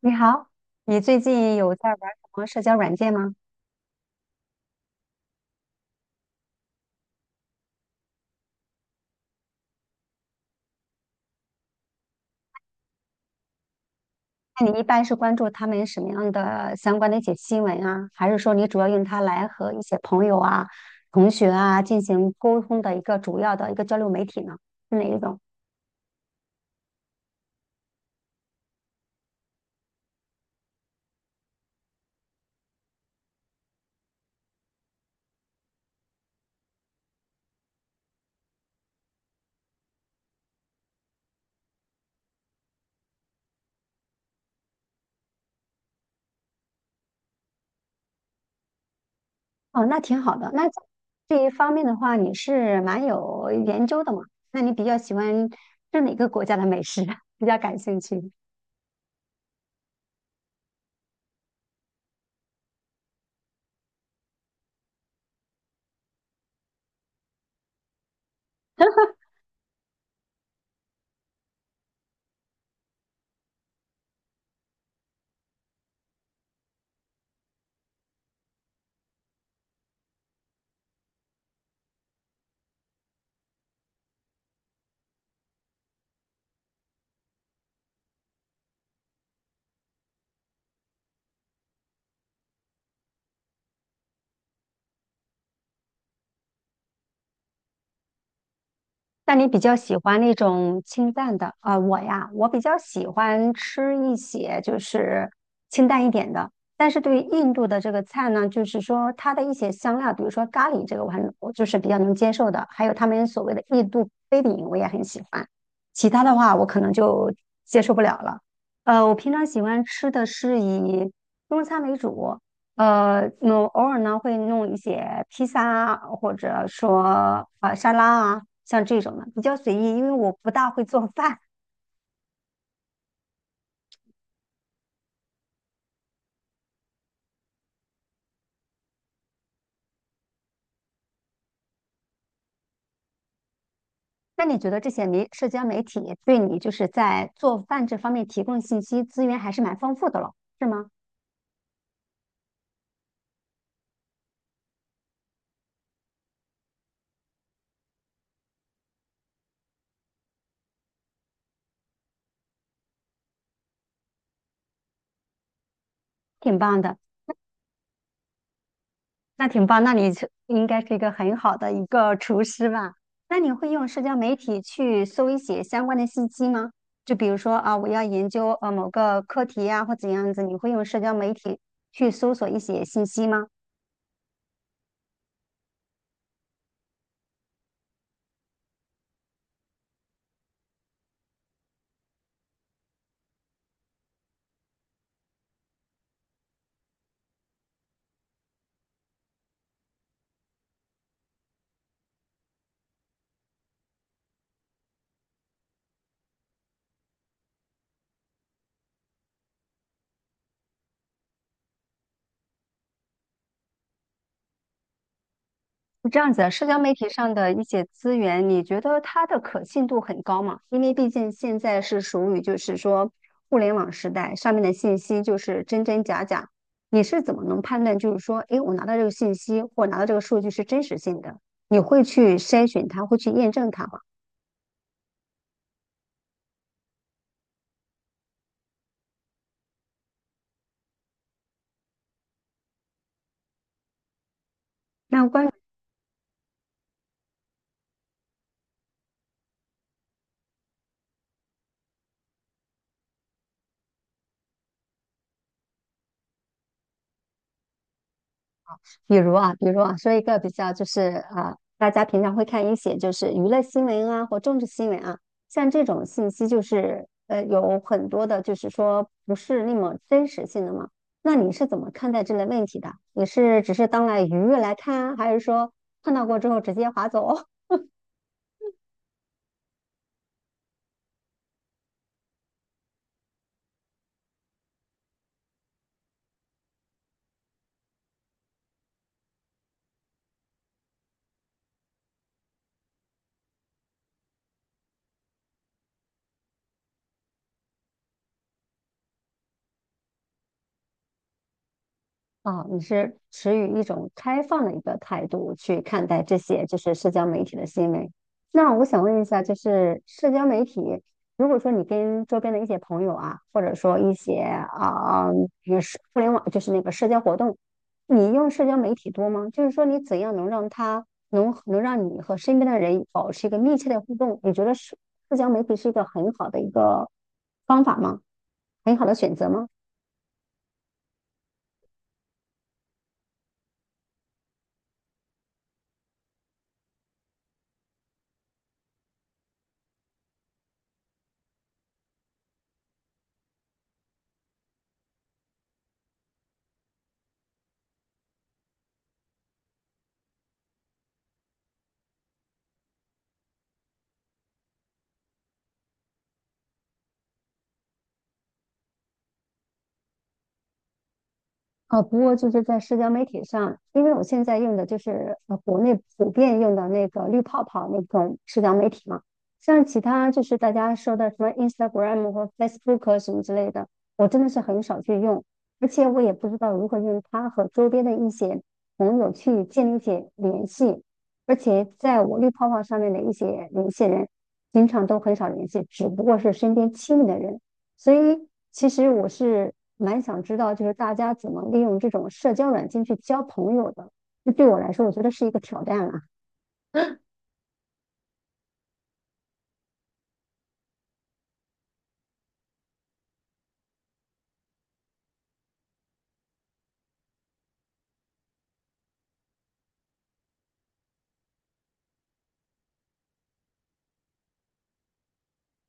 你好，你最近有在玩什么社交软件吗？那你一般是关注他们什么样的相关的一些新闻啊？还是说你主要用它来和一些朋友啊、同学啊进行沟通的一个主要的一个交流媒体呢？是哪一种？哦，那挺好的。那在这一方面的话，你是蛮有研究的嘛？那你比较喜欢是哪个国家的美食？比较感兴趣？那你比较喜欢那种清淡的？啊、我呀，我比较喜欢吃一些就是清淡一点的。但是对于印度的这个菜呢，就是说它的一些香料，比如说咖喱这个，我就是比较能接受的。还有他们所谓的印度飞饼，我也很喜欢。其他的话，我可能就接受不了了。我平常喜欢吃的是以中餐为主，那偶尔呢会弄一些披萨啊，或者说啊、沙拉啊，像这种的比较随意，因为我不大会做饭。那你觉得这些社交媒体对你就是在做饭这方面提供信息资源还是蛮丰富的了，是吗？挺棒的。那挺棒，那你是应该是一个很好的一个厨师吧？那你会用社交媒体去搜一些相关的信息吗？就比如说啊，我要研究某个课题呀、或怎样子，你会用社交媒体去搜索一些信息吗？是这样子的，社交媒体上的一些资源，你觉得它的可信度很高吗？因为毕竟现在是属于就是说互联网时代，上面的信息就是真真假假，你是怎么能判断就是说，诶，我拿到这个信息或拿到这个数据是真实性的？你会去筛选它，会去验证它吗？那关比如啊，比如啊，说一个比较就是啊，大家平常会看一些就是娱乐新闻啊或政治新闻啊，像这种信息就是有很多的，就是说不是那么真实性的嘛。那你是怎么看待这类问题的？你是只是当来娱乐来看啊还是说看到过之后直接划走？哦，你是持于一种开放的一个态度去看待这些就是社交媒体的新闻。那我想问一下，就是社交媒体，如果说你跟周边的一些朋友啊，或者说一些啊，也是互联网，就是那个社交活动，你用社交媒体多吗？就是说你怎样能让它能让你和身边的人保持一个密切的互动？你觉得社交媒体是一个很好的一个方法吗？很好的选择吗？啊，不过就是在社交媒体上，因为我现在用的就是国内普遍用的那个绿泡泡那种社交媒体嘛，像其他就是大家说的什么 Instagram 和 Facebook 什么之类的，我真的是很少去用，而且我也不知道如何用它和周边的一些朋友去建立起联系，而且在我绿泡泡上面的一些联系人，经常都很少联系，只不过是身边亲密的人。所以其实我是蛮想知道，就是大家怎么利用这种社交软件去交朋友的。这对我来说，我觉得是一个挑战啊。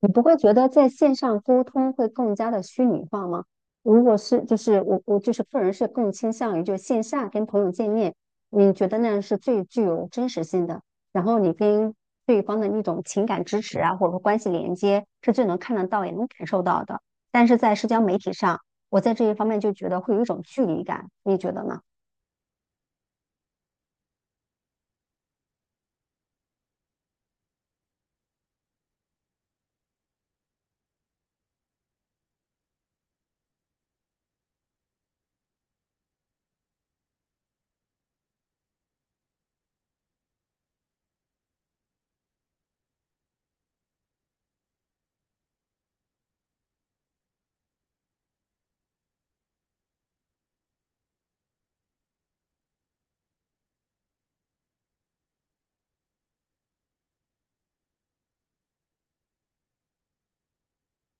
你不会觉得在线上沟通会更加的虚拟化吗？如果是，就是我就是个人是更倾向于就线下跟朋友见面，你觉得那样是最具有真实性的，然后你跟对方的那种情感支持啊，或者说关系连接是最能看得到也能感受到的。但是在社交媒体上，我在这一方面就觉得会有一种距离感，你觉得呢？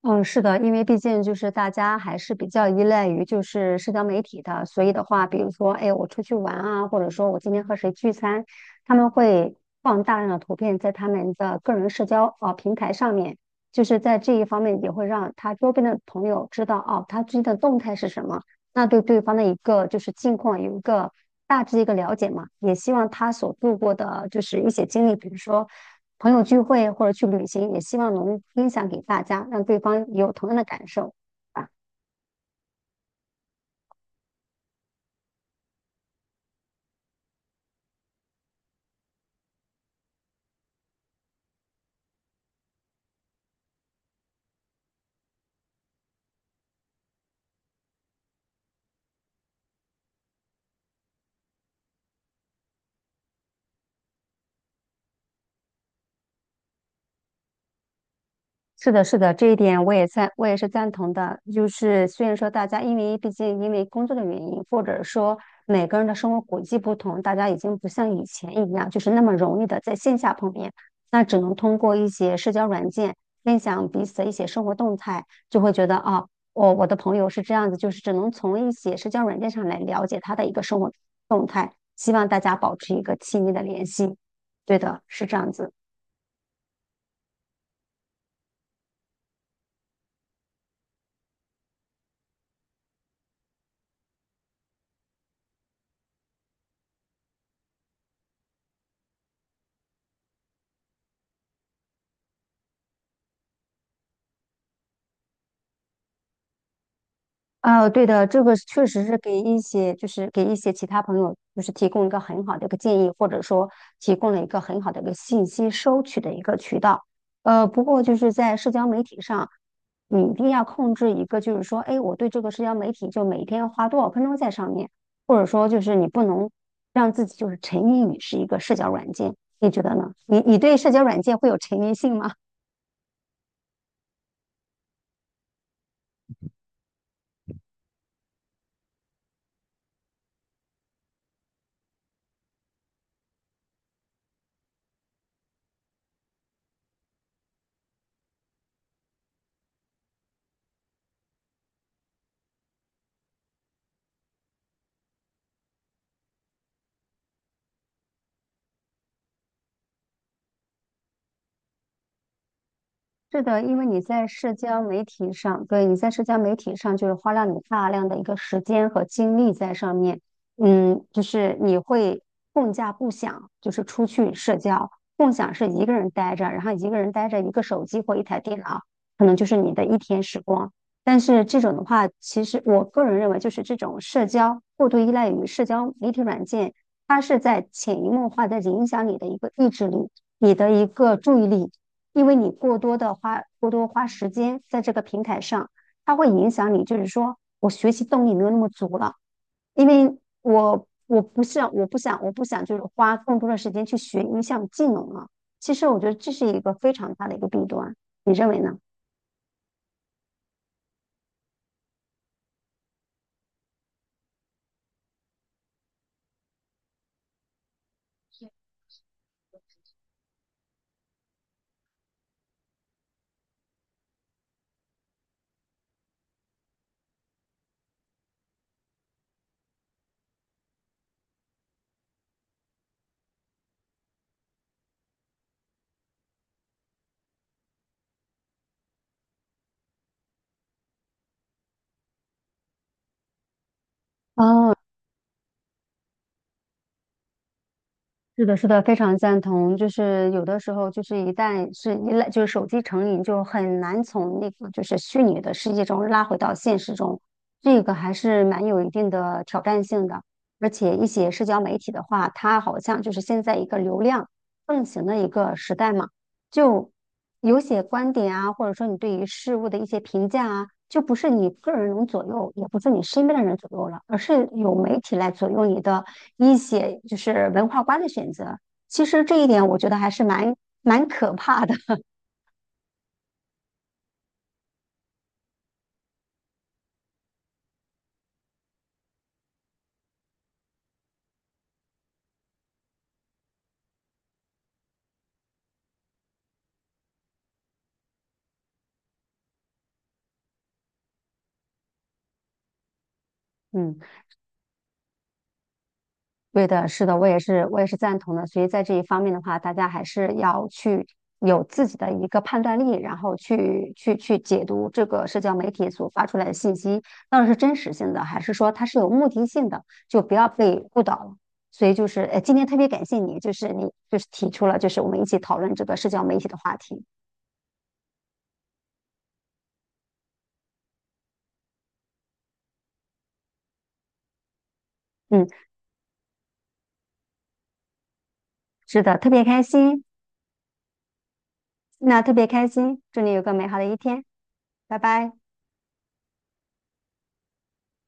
嗯，是的，因为毕竟就是大家还是比较依赖于就是社交媒体的，所以的话，比如说，哎，我出去玩啊，或者说我今天和谁聚餐，他们会放大量的图片在他们的个人社交啊平台上面，就是在这一方面也会让他周边的朋友知道哦，他最近的动态是什么，那对对方的一个就是近况有一个大致一个了解嘛，也希望他所度过的就是一些经历，比如说。朋友聚会或者去旅行，也希望能分享给大家，让对方也有同样的感受。啊。是的，是的，这一点我也赞，我也是赞同的。就是虽然说大家因为毕竟因为工作的原因，或者说每个人的生活轨迹不同，大家已经不像以前一样，就是那么容易的在线下碰面，那只能通过一些社交软件分享彼此的一些生活动态，就会觉得啊，我的朋友是这样子，就是只能从一些社交软件上来了解他的一个生活动态。希望大家保持一个亲密的联系。对的，是这样子。呃，对的，这个是确实是给一些，就是给一些其他朋友，就是提供一个很好的一个建议，或者说提供了一个很好的一个信息收取的一个渠道。不过就是在社交媒体上，你一定要控制一个，就是说，哎，我对这个社交媒体就每天要花多少分钟在上面，或者说就是你不能让自己就是沉迷于是一个社交软件，你觉得呢？你对社交软件会有沉迷性吗？是的，因为你在社交媒体上，对，你在社交媒体上就是花了你大量的一个时间和精力在上面，嗯，就是你会更加不想就是出去社交，共享是一个人待着，然后一个人待着一个手机或一台电脑，可能就是你的一天时光。但是这种的话，其实我个人认为，就是这种社交过度依赖于社交媒体软件，它是在潜移默化的影响你的一个意志力，你的一个注意力。因为你过多的花过多花时间在这个平台上，它会影响你，就是说我学习动力没有那么足了，因为我不想就是花更多的时间去学一项技能了。其实我觉得这是一个非常大的一个弊端，你认为呢？哦，是的，是的，非常赞同。就是有的时候，就是一旦是依赖，就是手机成瘾，就很难从那个就是虚拟的世界中拉回到现实中，这个还是蛮有一定的挑战性的。而且一些社交媒体的话，它好像就是现在一个流量盛行的一个时代嘛，就有些观点啊，或者说你对于事物的一些评价啊，就不是你个人能左右，也不是你身边的人左右了，而是有媒体来左右你的。一些就是文化观的选择。其实这一点我觉得还是蛮可怕的。嗯，对的，是的，我也是赞同的。所以在这一方面的话，大家还是要去有自己的一个判断力，然后去解读这个社交媒体所发出来的信息，到底是真实性的，还是说它是有目的性的，就不要被误导了。所以就是，今天特别感谢你，就是你就是提出了，就是我们一起讨论这个社交媒体的话题。嗯，是的，特别开心。那特别开心，祝你有个美好的一天，拜拜。